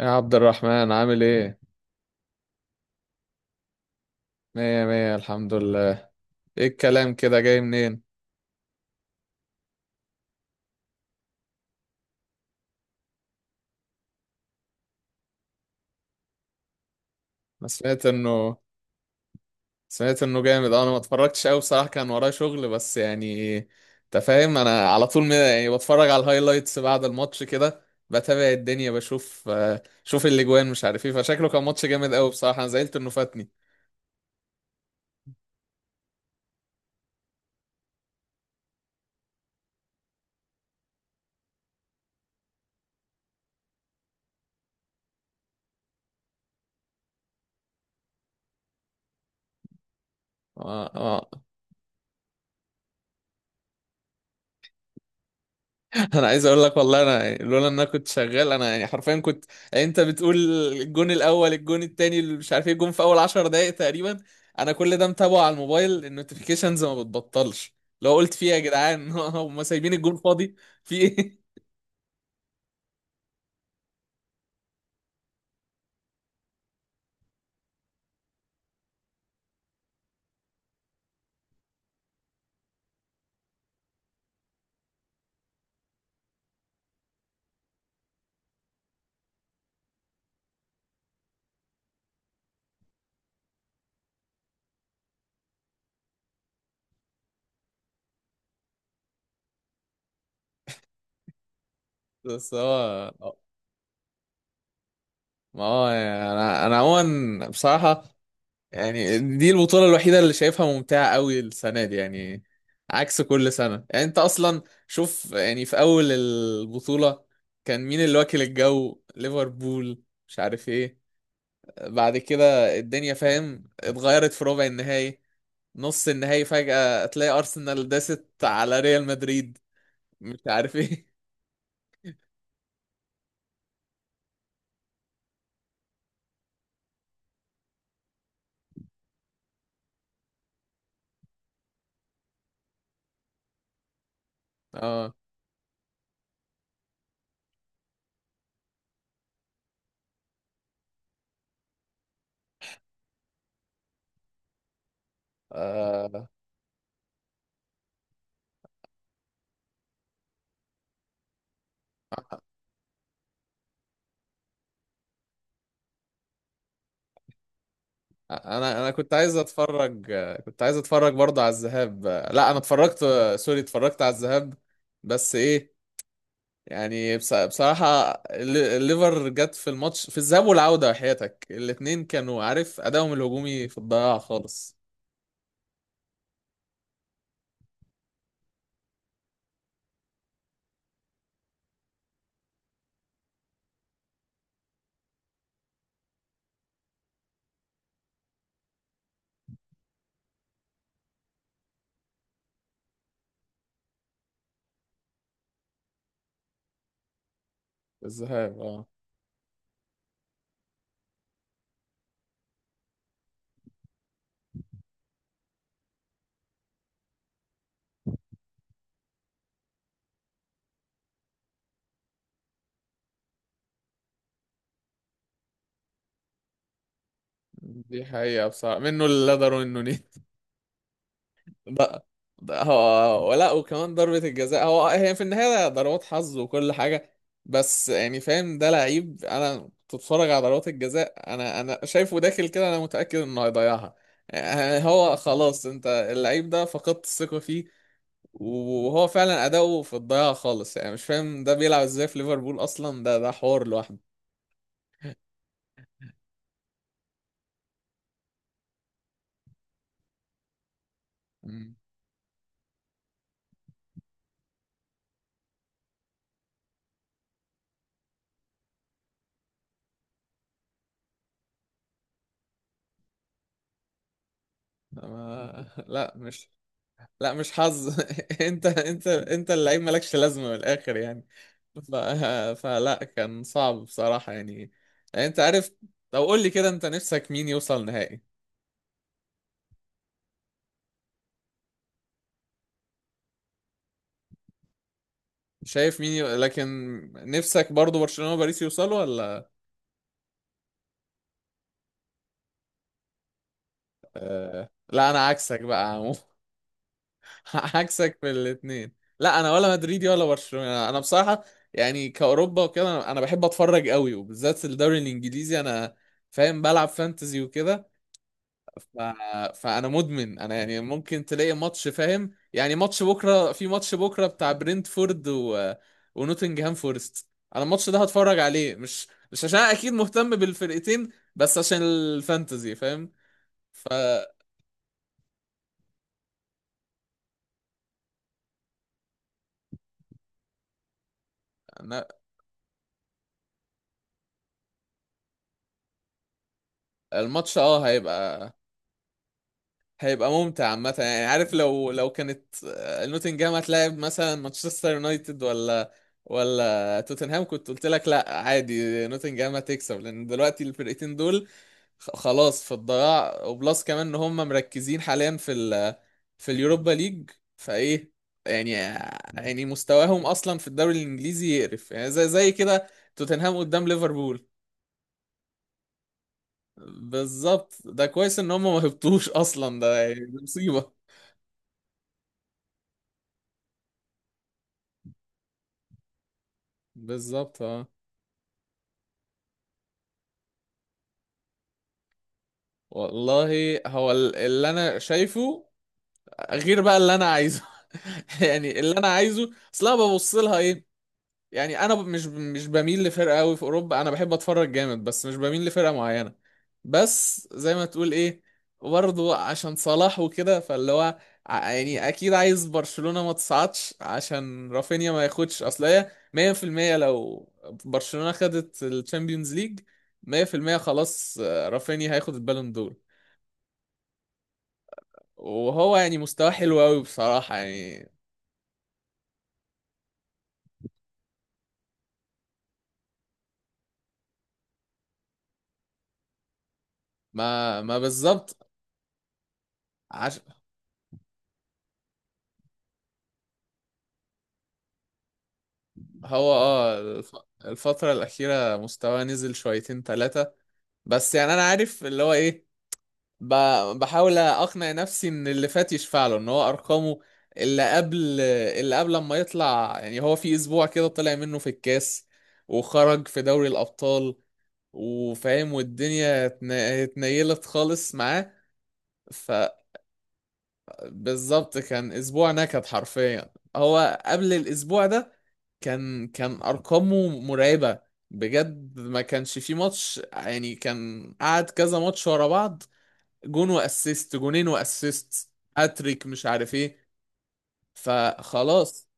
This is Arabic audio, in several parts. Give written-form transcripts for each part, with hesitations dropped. يا عبد الرحمن عامل ايه؟ مية مية الحمد لله. ايه الكلام كده جاي منين؟ انا سمعت انه سمعت انه جامد آه، انا ما اتفرجتش قوي بصراحة، كان ورايا شغل. بس يعني انت فاهم، انا على طول يعني بتفرج على الهايلايتس بعد الماتش كده، بتابع الدنيا بشوف آه، شوف الاجوان مش عارف ايه. فشكله كان ماتش جامد قوي بصراحة، انا زعلت انه فاتني. آه، آه. انا عايز اقول لك والله، انا يعني لولا ان انا كنت شغال، انا يعني حرفيا كنت، يعني انت بتقول الجون الاول الجون التاني اللي مش عارف ايه الجون في اول 10 دقائق تقريبا. انا كل ده متابعه على الموبايل، النوتيفيكيشنز ما بتبطلش. لو قلت فيها يا جدعان هم سايبين الجون فاضي. في ايه؟ بس هو، ما هو يعني انا عموما بصراحه، يعني دي البطولة الوحيدة اللي شايفها ممتعة قوي السنة دي، يعني عكس كل سنة. يعني انت اصلا شوف، يعني في اول البطولة كان مين اللي واكل الجو؟ ليفربول مش عارف ايه. بعد كده الدنيا فاهم اتغيرت في ربع النهائي، نص النهائي، فجأة تلاقي ارسنال داست على ريال مدريد مش عارف ايه. اه، انا كنت عايز اتفرج، كنت عايز اتفرج برضه على الذهاب. لا انا اتفرجت، سوري اتفرجت على الذهاب، بس ايه، يعني بصراحة الليفر جت في الماتش في الذهاب والعودة، حياتك الاتنين كانوا عارف ادائهم الهجومي في الضياع خالص. الذهاب اه. دي حقيقة بصراحة، منه اللي قدر ومنه. بقى، بقى هو ولا، وكمان ضربة الجزاء هو، هي في النهاية ضربات حظ وكل حاجة. بس يعني فاهم، ده لعيب انا بتتفرج على ضربات الجزاء، انا شايفه داخل كده انا متأكد انه هيضيعها. يعني هو خلاص، انت اللعيب ده فقدت الثقة فيه. وهو فعلا اداؤه في الضياع خالص، يعني مش فاهم ده بيلعب ازاي في ليفربول اصلا. ده حوار لوحده. مم. لا مش، لا مش حظ. انت انت اللعيب مالكش لازمه، من الاخر يعني. ف... فلا، كان صعب بصراحه يعني، يعني انت عارف. طب قول لي كده، انت نفسك مين يوصل نهائي؟ شايف مين لكن نفسك برضو برشلونه وباريس يوصلوا ولا؟ لا انا عكسك بقى يا عمو. عكسك في الاثنين. لا انا ولا مدريدي ولا برشلونه، انا بصراحه يعني كاوروبا وكده انا، أنا بحب اتفرج قوي وبالذات الدوري الانجليزي. انا فاهم بلعب فانتزي وكده. ف... فانا مدمن، انا يعني ممكن تلاقي ماتش فاهم، يعني ماتش بكره، في ماتش بكره بتاع برنتفورد ونوتنجهام فورست، انا الماتش ده هتفرج عليه، مش مش عشان أنا اكيد مهتم بالفرقتين، بس عشان الفانتزي فاهم. فانا، الماتش اه هيبقى، هيبقى ممتع عامة. يعني عارف، لو لو كانت آه، نوتنجهام هتلاعب مثلا مانشستر يونايتد ولا ولا توتنهام، كنت قلت لك لا عادي نوتنجهام هتكسب، لان دلوقتي الفرقتين دول خلاص في الضياع، وبلس كمان ان هم مركزين حاليا في في اليوروبا ليج. فايه يعني، يعني مستواهم اصلا في الدوري الانجليزي يقرف، يعني زي كده، توتنهام قدام ليفربول. بالظبط، ده كويس ان هم ما هبطوش اصلا، ده يعني دي مصيبة. بالظبط اه. والله، هو اللي انا شايفه غير بقى اللي انا عايزه. يعني اللي انا عايزه، اصل انا ببص لها إيه، يعني انا مش مش بميل لفرقه قوي في اوروبا، انا بحب اتفرج جامد بس مش بميل لفرقه معينه. بس زي ما تقول ايه، برضه عشان صلاح وكده، فاللي هو يعني اكيد عايز برشلونه ما تصعدش عشان رافينيا ما ياخدش، اصل هي 100%، لو برشلونه خدت الشامبيونز ليج 100% خلاص آه، رافينيا هياخد البالون دور. وهو يعني مستواه حلو قوي بصراحه يعني، ما ما بالظبط. هو اه الفترة الأخيرة مستواه نزل شويتين تلاتة. بس يعني أنا عارف اللي هو إيه، ب... بحاول أقنع نفسي إن اللي فات يشفع له، إن هو أرقامه اللي قبل اللي قبل ما يطلع، يعني هو في أسبوع كده طلع منه في الكاس وخرج في دوري الأبطال، وفاهم والدنيا اتنيلت خالص معاه. فبالظبط، كان أسبوع نكد حرفيا هو قبل الأسبوع ده، كان ارقامه مرعبه، بجد ما كانش في ماتش يعني، كان قعد كذا ماتش ورا بعض، جون واسيست، جونين واسيست، هاتريك مش عارف ايه. فخلاص،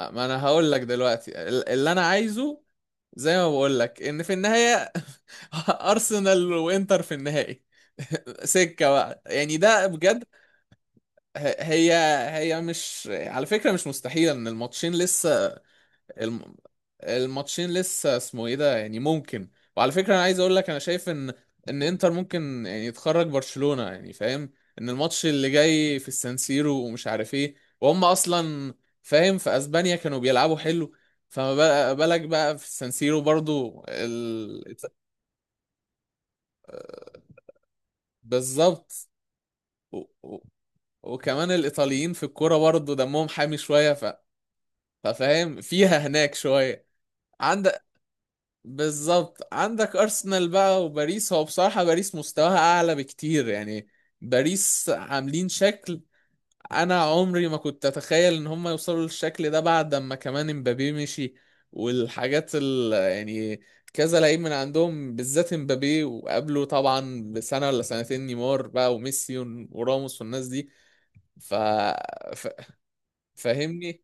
ما انا هقول لك دلوقتي اللي انا عايزه، زي ما بقول لك ان في النهايه ارسنال وانتر في النهائي. سكه بقى يعني ده بجد، هي، هي مش على فكره مش مستحيله ان الماتشين لسه، الم... الماتشين لسه اسمه ايه ده، يعني ممكن. وعلى فكرة انا عايز اقول لك، انا شايف ان ان انتر ممكن يعني يتخرج برشلونة، يعني فاهم ان الماتش اللي جاي في السانسيرو ومش عارف ايه، وهم اصلا فاهم في اسبانيا كانوا بيلعبوا حلو، فما بالك بقى في السانسيرو برضو بالظبط، و... و... وكمان الايطاليين في الكوره برضو دمهم حامي شوية، ففاهم فيها هناك شوية. عندك، بالظبط عندك ارسنال بقى وباريس، هو بصراحة باريس مستواها اعلى بكتير يعني، باريس عاملين شكل انا عمري ما كنت اتخيل ان هم يوصلوا للشكل ده، بعد ما كمان امبابي مشي والحاجات ال يعني كذا لعيب من عندهم، بالذات امبابي وقبله طبعا بسنة ولا سنتين نيمار بقى وميسي وراموس والناس دي، ف... ف... فاهمني.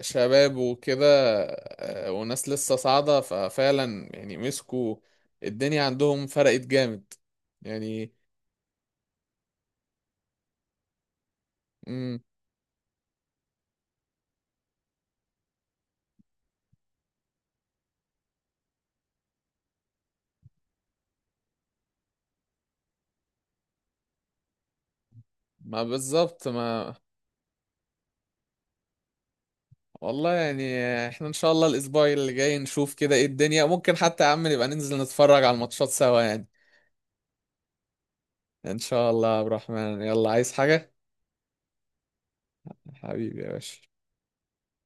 شباب وكده آه، وناس لسه صاعدة، ففعلا يعني مسكوا الدنيا عندهم، فرقت جامد يعني، مم، ما بالظبط ما. والله يعني، احنا ان شاء الله الاسبوع اللي جاي نشوف كده ايه الدنيا، ممكن حتى يا عم نبقى ننزل نتفرج على الماتشات سوا يعني. ان شاء الله يا عبد الرحمن، يلا عايز حاجة؟ حبيبي يا باشا.